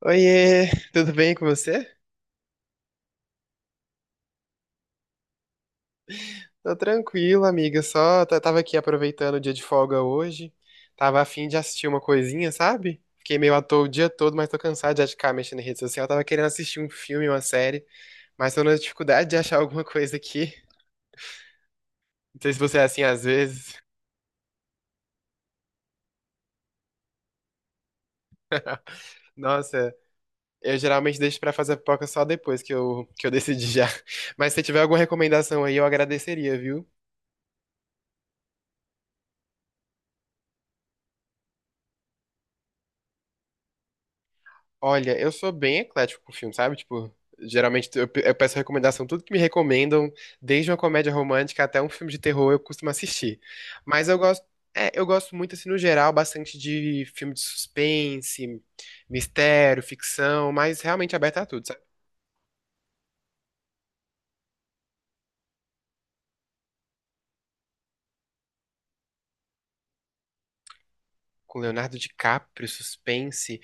Oiê, tudo bem com você? Tô tranquilo, amiga. Só tava aqui aproveitando o dia de folga hoje. Tava a fim de assistir uma coisinha, sabe? Fiquei meio à toa o dia todo, mas tô cansado de ficar mexendo em rede social. Tava querendo assistir um filme, uma série, mas tô na dificuldade de achar alguma coisa aqui. Não sei se você é assim às vezes. Nossa, eu geralmente deixo pra fazer pipoca só depois que eu decidi já. Mas se tiver alguma recomendação aí, eu agradeceria, viu? Olha, eu sou bem eclético com filme, sabe? Tipo, geralmente eu peço recomendação, tudo que me recomendam, desde uma comédia romântica até um filme de terror, eu costumo assistir. Mas eu gosto, eu gosto muito, assim, no geral, bastante de filme de suspense, mistério, ficção, mas realmente aberto a tudo, sabe? Com Leonardo DiCaprio, suspense.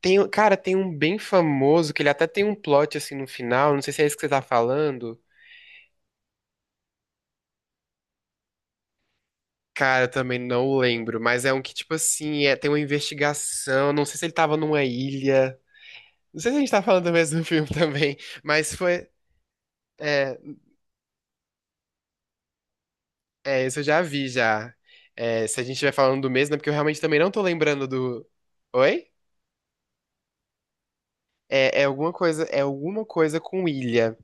Tem, cara, tem um bem famoso que ele até tem um plot assim no final, não sei se é isso que você tá falando. Cara, eu também não lembro, mas é um que, tipo assim, é, tem uma investigação. Não sei se ele tava numa ilha. Não sei se a gente tá falando do mesmo filme também, mas foi. É, isso eu já vi já. É, se a gente estiver falando do mesmo, é porque eu realmente também não tô lembrando do. Oi? É, é alguma coisa com ilha.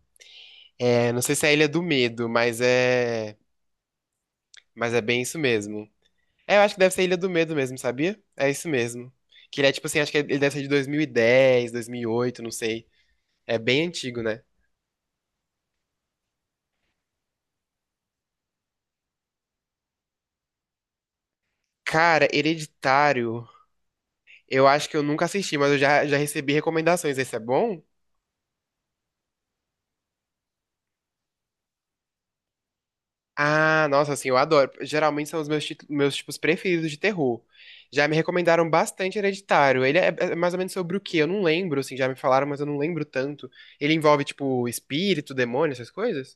É, não sei se é a Ilha do Medo, mas é. Mas é bem isso mesmo. É, eu acho que deve ser a Ilha do Medo mesmo, sabia? É isso mesmo. Que ele é tipo assim, acho que ele deve ser de dois mil e dez, 2008, não sei. É bem antigo, né? Cara, Hereditário. Eu acho que eu nunca assisti, mas eu já recebi recomendações. Esse é bom? Ah, nossa, assim, eu adoro. Geralmente são os meus tipos preferidos de terror. Já me recomendaram bastante Hereditário. Ele é mais ou menos sobre o quê? Eu não lembro, assim, já me falaram, mas eu não lembro tanto. Ele envolve, tipo, espírito, demônio, essas coisas?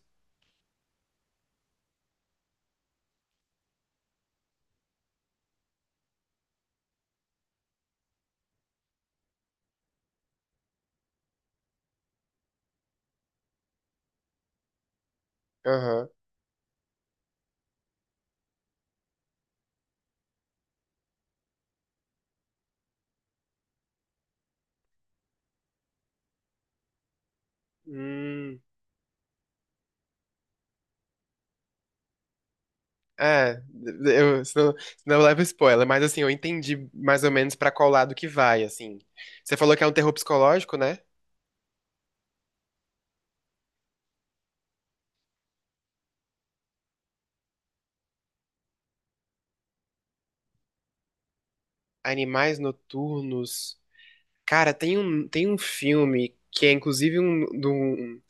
Aham. Hum. É, eu, senão eu levo spoiler, mas assim, eu entendi mais ou menos pra qual lado que vai, assim. Você falou que é um terror psicológico, né? Animais Noturnos. Cara, tem um filme que é inclusive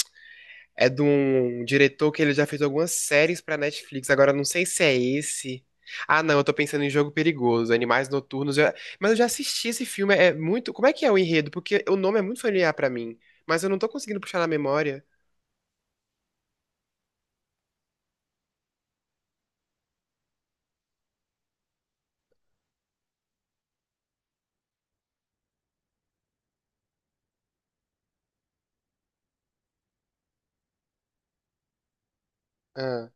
é de um diretor que ele já fez algumas séries pra Netflix. Agora eu não sei se é esse. Ah, não, eu tô pensando em Jogo Perigoso, Animais Noturnos. Mas eu já assisti esse filme, é muito. Como é que é o enredo? Porque o nome é muito familiar pra mim, mas eu não tô conseguindo puxar na memória. Ah,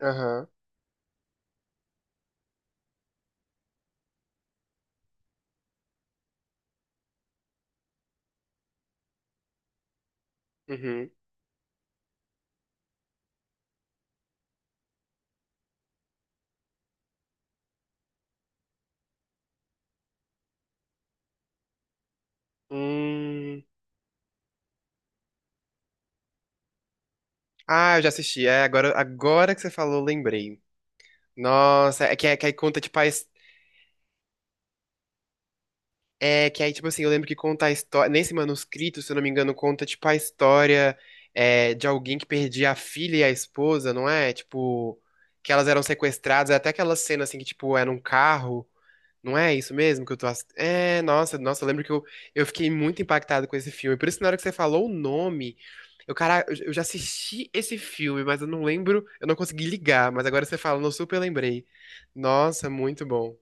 aham, uhum. Hum. Ah, eu já assisti. É, agora que você falou, eu lembrei. Nossa, é que aí conta tipo é, que aí, tipo assim, eu lembro que conta a história. Nesse manuscrito, se eu não me engano, conta, tipo, a história de alguém que perdia a filha e a esposa, não é? Tipo, que elas eram sequestradas. É até aquela cena, assim, que, tipo, era um carro. Não é isso mesmo que eu tô. É, nossa, nossa, eu lembro que eu fiquei muito impactado com esse filme. Por isso, na hora que você falou o nome, eu, cara, eu já assisti esse filme, mas eu não lembro, eu não consegui ligar. Mas agora você falando, eu super lembrei. Nossa, muito bom.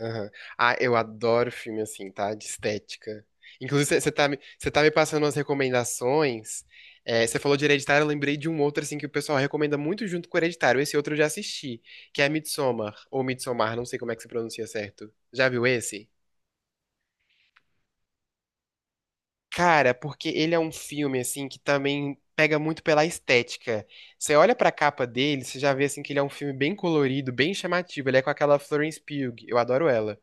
Aham. Ah, eu adoro filme assim, tá? De estética. Inclusive, você tá me passando umas recomendações. É, você falou de Hereditário, eu lembrei de um outro assim que o pessoal recomenda muito junto com o Hereditário. Esse outro eu já assisti, que é Midsommar, ou Midsommar, não sei como é que se pronuncia certo. Já viu esse? Cara, porque ele é um filme assim que também pega muito pela estética. Você olha pra capa dele, você já vê assim que ele é um filme bem colorido, bem chamativo. Ele é com aquela Florence Pugh, eu adoro ela.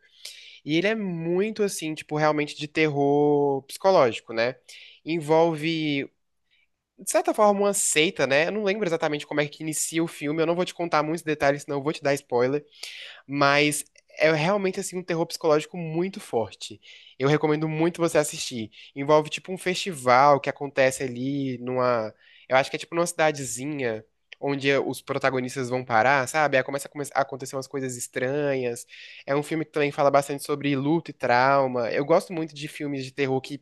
E ele é muito assim, tipo, realmente de terror psicológico, né? Envolve, de certa forma, uma seita, né? Eu não lembro exatamente como é que inicia o filme, eu não vou te contar muitos detalhes, senão eu vou te dar spoiler. Mas é realmente assim um terror psicológico muito forte. Eu recomendo muito você assistir. Envolve tipo um festival que acontece ali numa, eu acho que é tipo numa cidadezinha onde os protagonistas vão parar, sabe? Aí começa a acontecer umas coisas estranhas. É um filme que também fala bastante sobre luto e trauma. Eu gosto muito de filmes de terror que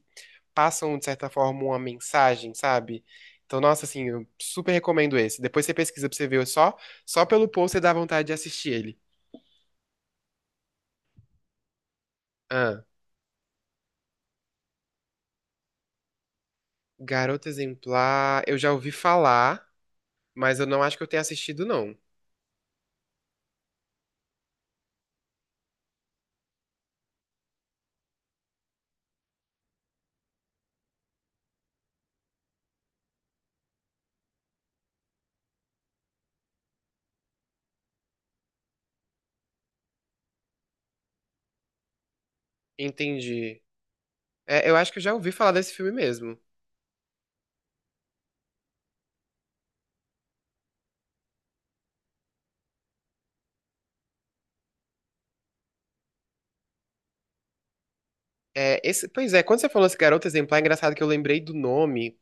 passam de certa forma uma mensagem, sabe? Então, nossa, assim, eu super recomendo esse. Depois você pesquisa pra você ver só, só pelo post você dá vontade de assistir ele. Ah. Garota Exemplar, eu já ouvi falar, mas eu não acho que eu tenha assistido, não. Entendi. É, eu acho que eu já ouvi falar desse filme mesmo. É, esse, pois é, quando você falou esse Garota Exemplar, é engraçado que eu lembrei do nome.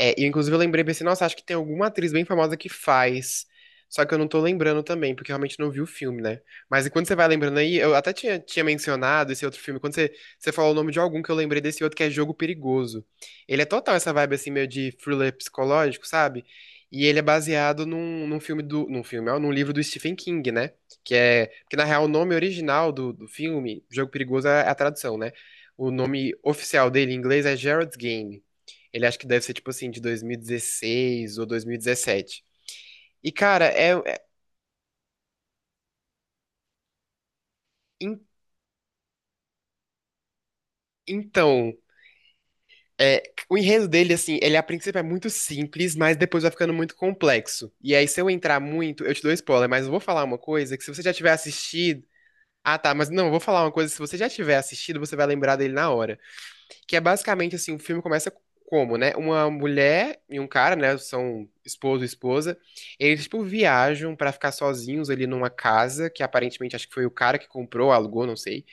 É, e inclusive eu lembrei, pensei, nossa, acho que tem alguma atriz bem famosa que faz. Só que eu não tô lembrando também, porque eu realmente não vi o filme, né? Mas enquanto você vai lembrando aí, eu até tinha mencionado esse outro filme, você falou o nome de algum que eu lembrei desse outro que é Jogo Perigoso. Ele é total essa vibe assim, meio de thriller psicológico, sabe? E ele é baseado num filme do. Num filme, ó, num livro do Stephen King, né? Que é. Porque na real o nome original do filme, Jogo Perigoso, é a tradução, né? O nome oficial dele em inglês é Gerald's Game. Ele acho que deve ser tipo assim, de 2016 ou 2017. E, 17. E cara, en- então, é, o enredo dele, assim, ele a princípio é muito simples, mas depois vai ficando muito complexo. E aí, se eu entrar muito, eu te dou spoiler, mas eu vou falar uma coisa que se você já tiver assistido. Ah, tá, mas não, eu vou falar uma coisa, se você já tiver assistido, você vai lembrar dele na hora. Que é basicamente assim, o filme começa como, né? Uma mulher e um cara, né? São esposo e esposa. Eles, tipo, viajam pra ficar sozinhos ali numa casa, que aparentemente acho que foi o cara que comprou, alugou, não sei.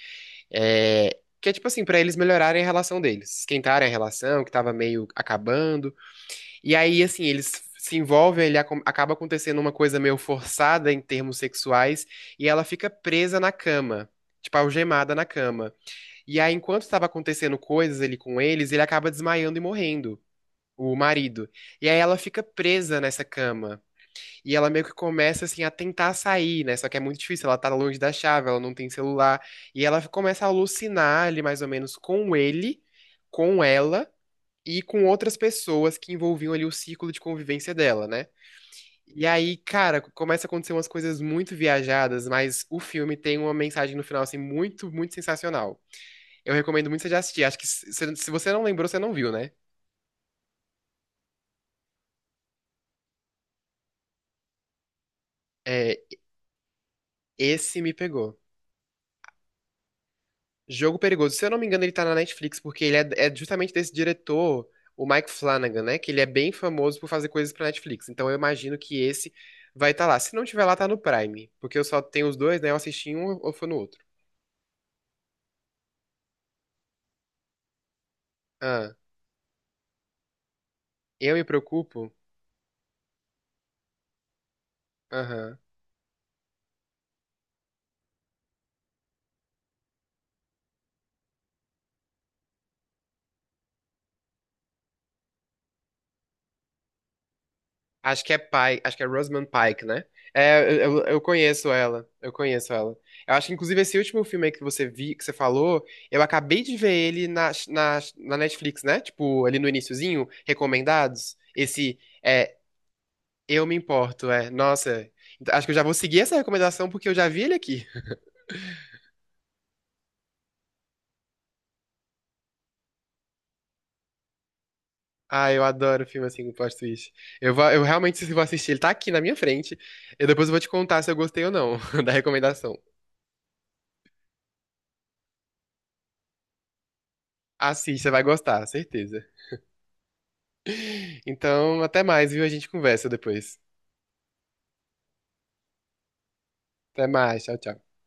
É, que é tipo assim, pra eles melhorarem a relação deles, esquentarem a relação, que tava meio acabando. E aí, assim, eles se envolvem, acaba acontecendo uma coisa meio forçada em termos sexuais, e ela fica presa na cama, tipo, algemada na cama. E aí, enquanto estava acontecendo coisas ali com eles, ele acaba desmaiando e morrendo, o marido. E aí ela fica presa nessa cama. E ela meio que começa, assim, a tentar sair, né? Só que é muito difícil, ela tá longe da chave, ela não tem celular. E ela começa a alucinar ali, mais ou menos, com ele, com ela e com outras pessoas que envolviam ali o círculo de convivência dela, né? E aí, cara, começa a acontecer umas coisas muito viajadas, mas o filme tem uma mensagem no final, assim, muito, muito sensacional. Eu recomendo muito você já assistir. Acho que se você não lembrou, você não viu, né? É, esse me pegou. Jogo Perigoso. Se eu não me engano, ele tá na Netflix, porque é justamente desse diretor, o Mike Flanagan, né? Que ele é bem famoso por fazer coisas pra Netflix. Então eu imagino que esse vai estar lá. Se não tiver lá, tá no Prime. Porque eu só tenho os dois, né? Eu assisti em um ou foi no outro. Ah, eu me preocupo? Aham. Acho que é Pike, acho que é Rosamund Pike, né? É, eu conheço ela, eu conheço ela. Eu acho que, inclusive, esse último filme aí que você vi, que você falou, eu acabei de ver ele na Netflix, né? Tipo, ali no iniciozinho, recomendados. Esse, é, Eu Me Importo, é. Nossa, acho que eu já vou seguir essa recomendação porque eu já vi ele aqui. Ah, eu adoro filme assim com plot twist. Eu realmente vou assistir, ele tá aqui na minha frente. Eu depois vou te contar se eu gostei ou não da recomendação. Assista, vai gostar, certeza. Então, até mais, viu? A gente conversa depois. Até mais, tchau, tchau.